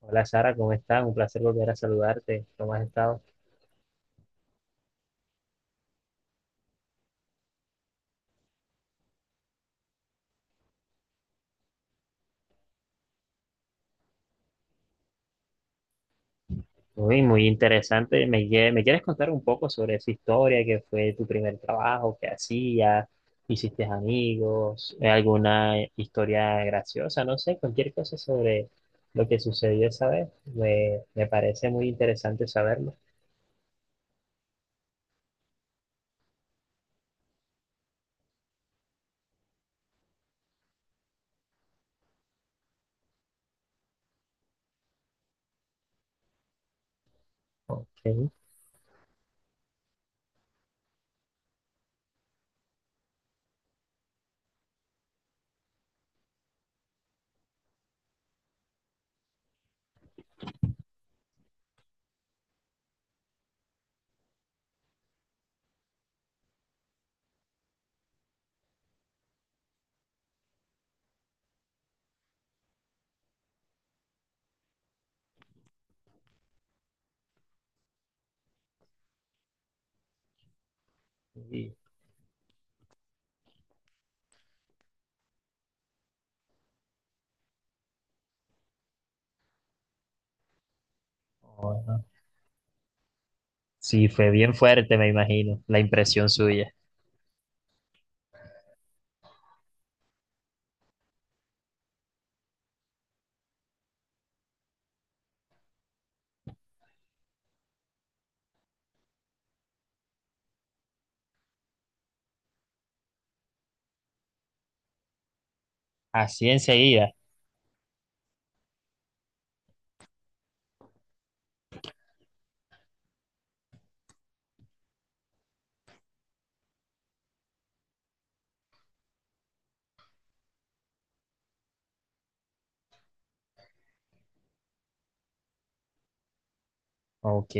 Hola Sara, ¿cómo estás? Un placer volver a saludarte. ¿Cómo has estado? Muy, muy interesante. ¿Me quieres contar un poco sobre esa historia, ¿qué fue tu primer trabajo, qué hacías, hiciste amigos, alguna historia graciosa, no sé, cualquier cosa sobre lo que sucedió esa vez? Me parece muy interesante saberlo. Ok. Sí. Ajá. Sí, fue bien fuerte, me imagino, la impresión suya. Así enseguida. Ok,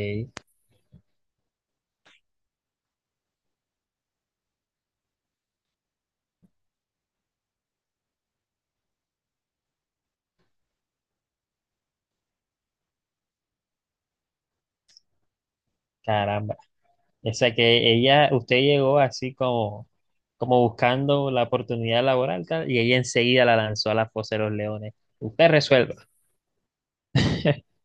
caramba. O sea que ella, usted llegó así como buscando la oportunidad laboral tal, y ella enseguida la lanzó a la fosa de los leones. Usted resuelva.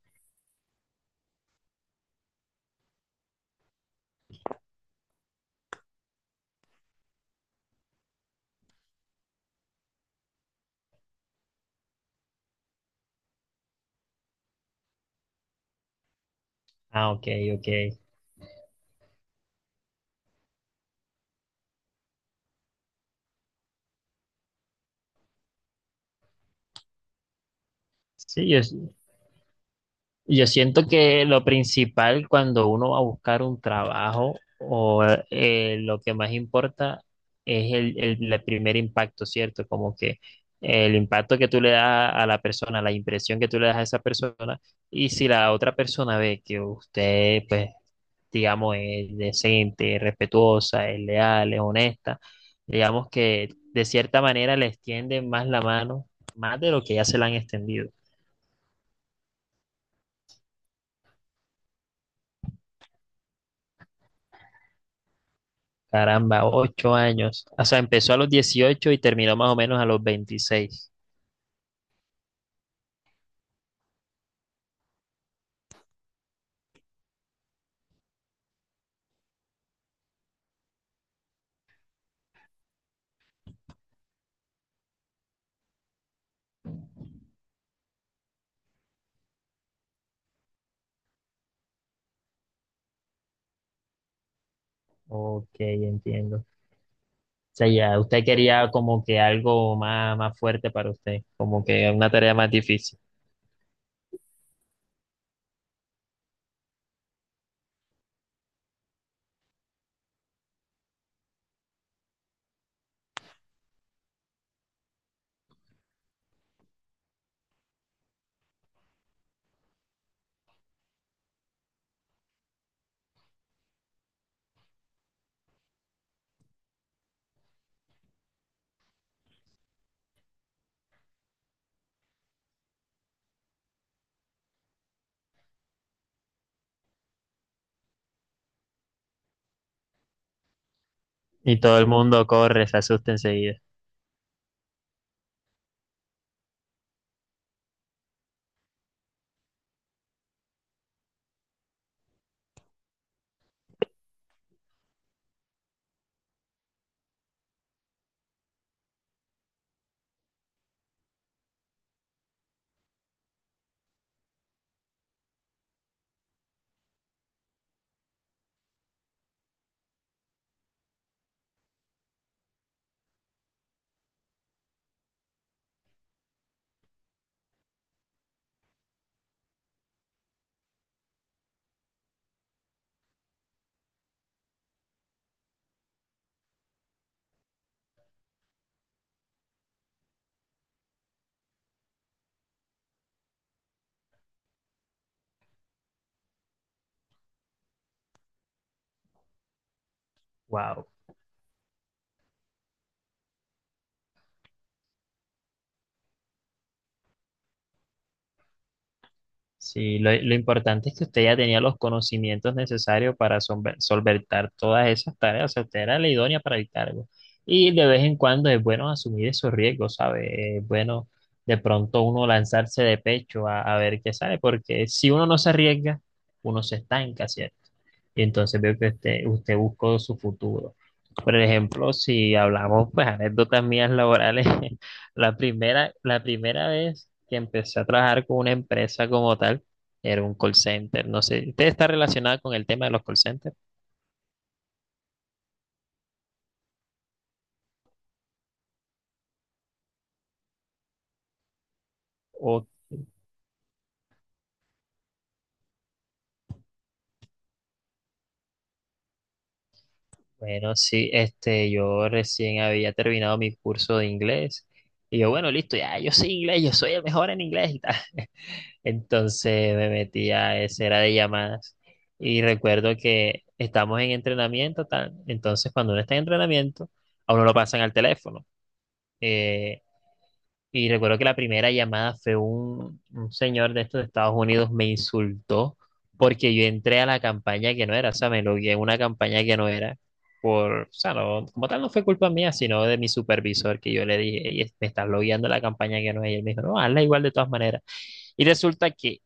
Ah, ok, ok. Sí, yo siento que lo principal cuando uno va a buscar un trabajo o lo que más importa es el primer impacto, ¿cierto? Como que el impacto que tú le das a la persona, la impresión que tú le das a esa persona, y si la otra persona ve que usted pues, digamos, es decente, es respetuosa, es leal, es honesta, digamos que de cierta manera le extienden más la mano, más de lo que ya se la han extendido. Caramba, 8 años. O sea, empezó a los 18 y terminó más o menos a los 26. Ok, entiendo. O sea, ya usted quería como que algo más, más fuerte para usted, como que una tarea más difícil. Y todo el mundo corre, se asusta enseguida. Wow. Sí, lo importante es que usted ya tenía los conocimientos necesarios para solver- solventar todas esas tareas, o sea, usted era la idónea para el cargo. Y de vez en cuando es bueno asumir esos riesgos, ¿sabe? Es bueno de pronto uno lanzarse de pecho a ver qué sale, porque si uno no se arriesga, uno se estanca, ¿cierto? Y entonces veo que usted, usted buscó su futuro. Por ejemplo, si hablamos, pues, anécdotas mías laborales, la primera vez que empecé a trabajar con una empresa como tal, era un call center. No sé, ¿usted está relacionada con el tema de los call centers? O, bueno, sí, este, yo recién había terminado mi curso de inglés. Y yo, bueno, listo, ya, yo soy inglés, yo soy el mejor en inglés y tal. Entonces me metí a esa era de llamadas y recuerdo que estamos en entrenamiento, tal. Entonces cuando uno está en entrenamiento, a uno lo pasan al teléfono. Eh, y recuerdo que la primera llamada fue un señor de estos de Estados Unidos me insultó porque yo entré a la campaña que no era, o sea, me logué en una campaña que no era. Por, o sea, no, como tal no fue culpa mía, sino de mi supervisor, que yo le dije: "Ey, me estás logueando a la campaña que no es". Y él me dijo, no, hazla igual de todas maneras. Y resulta que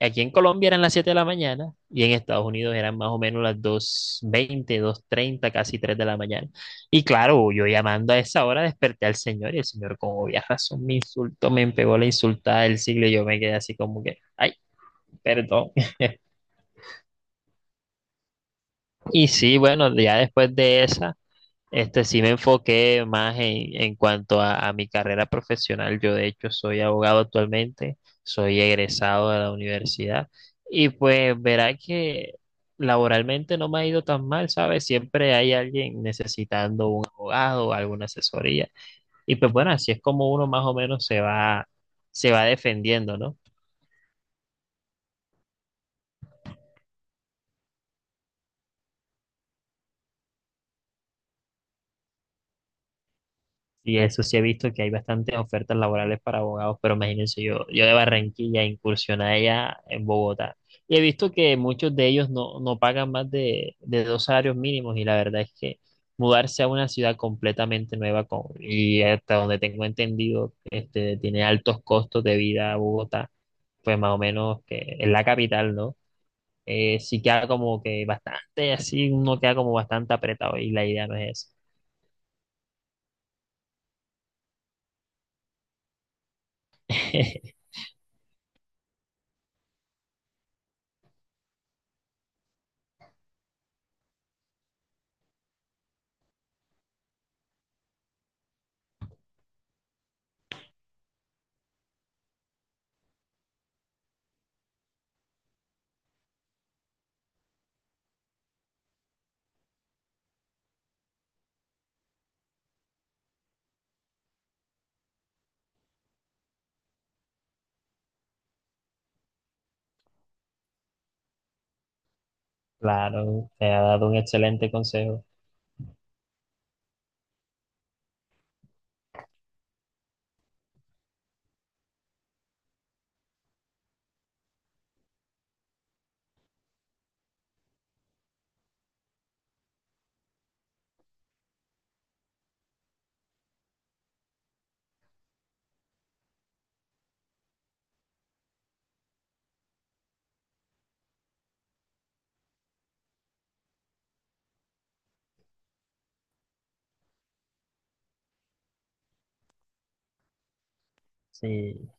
aquí en Colombia eran las 7 de la mañana y en Estados Unidos eran más o menos las 2:20, 2:30, casi 3 de la mañana. Y claro, yo llamando a esa hora desperté al señor y el señor con obvia razón me insultó, me pegó la insultada del siglo y yo me quedé así como que, ay, perdón. Y sí, bueno, ya después de esa, este, sí me enfoqué más en cuanto a mi carrera profesional. Yo, de hecho, soy abogado actualmente, soy egresado de la universidad y pues verá que laboralmente no me ha ido tan mal, ¿sabes? Siempre hay alguien necesitando un abogado o alguna asesoría. Y pues bueno, así es como uno más o menos se va defendiendo, ¿no? Y eso sí he visto que hay bastantes ofertas laborales para abogados, pero imagínense yo, de Barranquilla incursioné allá en Bogotá. Y he visto que muchos de ellos no pagan más de dos salarios mínimos y la verdad es que mudarse a una ciudad completamente nueva con- y hasta donde tengo entendido, este, tiene altos costos de vida Bogotá, pues más o menos que es la capital, ¿no? Sí queda como que bastante así, uno queda como bastante apretado y la idea no es esa. Claro, te ha dado un excelente consejo. Sí,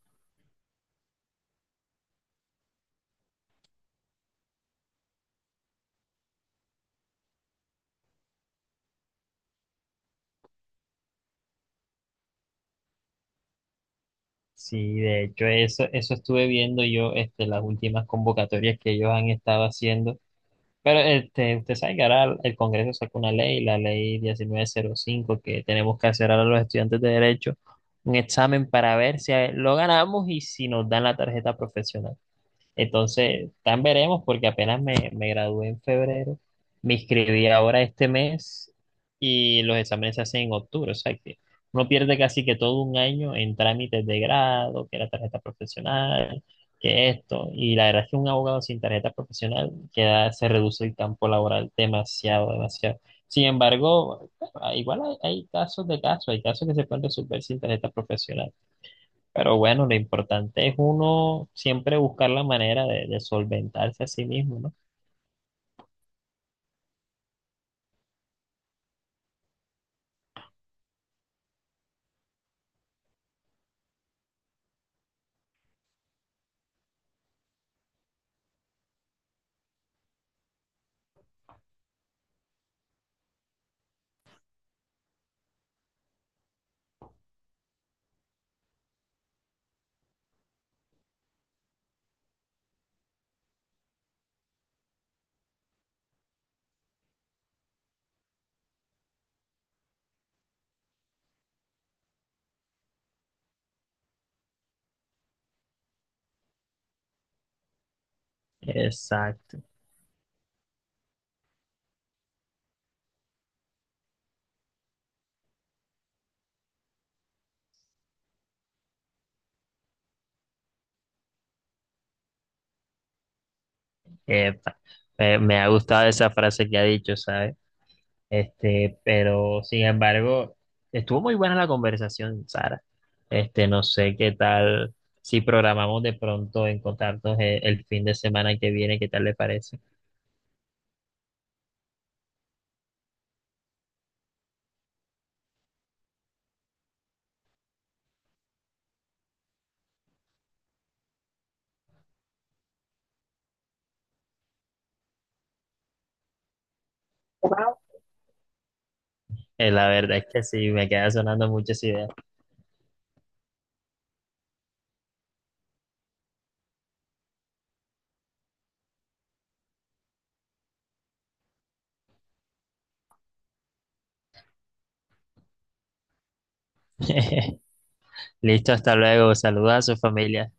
sí, de hecho, eso estuve viendo yo, este, las últimas convocatorias que ellos han estado haciendo. Pero este, usted sabe que ahora el Congreso sacó una ley, la ley 1905, que tenemos que hacer ahora los estudiantes de Derecho un examen para ver si lo ganamos y si nos dan la tarjeta profesional. Entonces, tan veremos, porque apenas me gradué en febrero, me inscribí ahora este mes y los exámenes se hacen en octubre, o sea que uno pierde casi que todo un año en trámites de grado, que la tarjeta profesional, que esto, y la verdad es que un abogado sin tarjeta profesional queda, se reduce el campo laboral demasiado, demasiado. Sin embargo, bueno, igual hay, hay casos de casos, hay casos que se pueden resolver sin tarjeta profesional. Pero bueno, lo importante es uno siempre buscar la manera de solventarse a sí mismo, ¿no? Exacto. Epa. Me ha gustado esa frase que ha dicho, ¿sabes? Este, pero sin embargo, estuvo muy buena la conversación, Sara. Este, no sé qué tal si programamos de pronto encontrarnos el fin de semana que viene, ¿qué tal le parece? La verdad es que sí, me queda sonando muchas ideas. Listo, hasta luego. Saluda a su familia.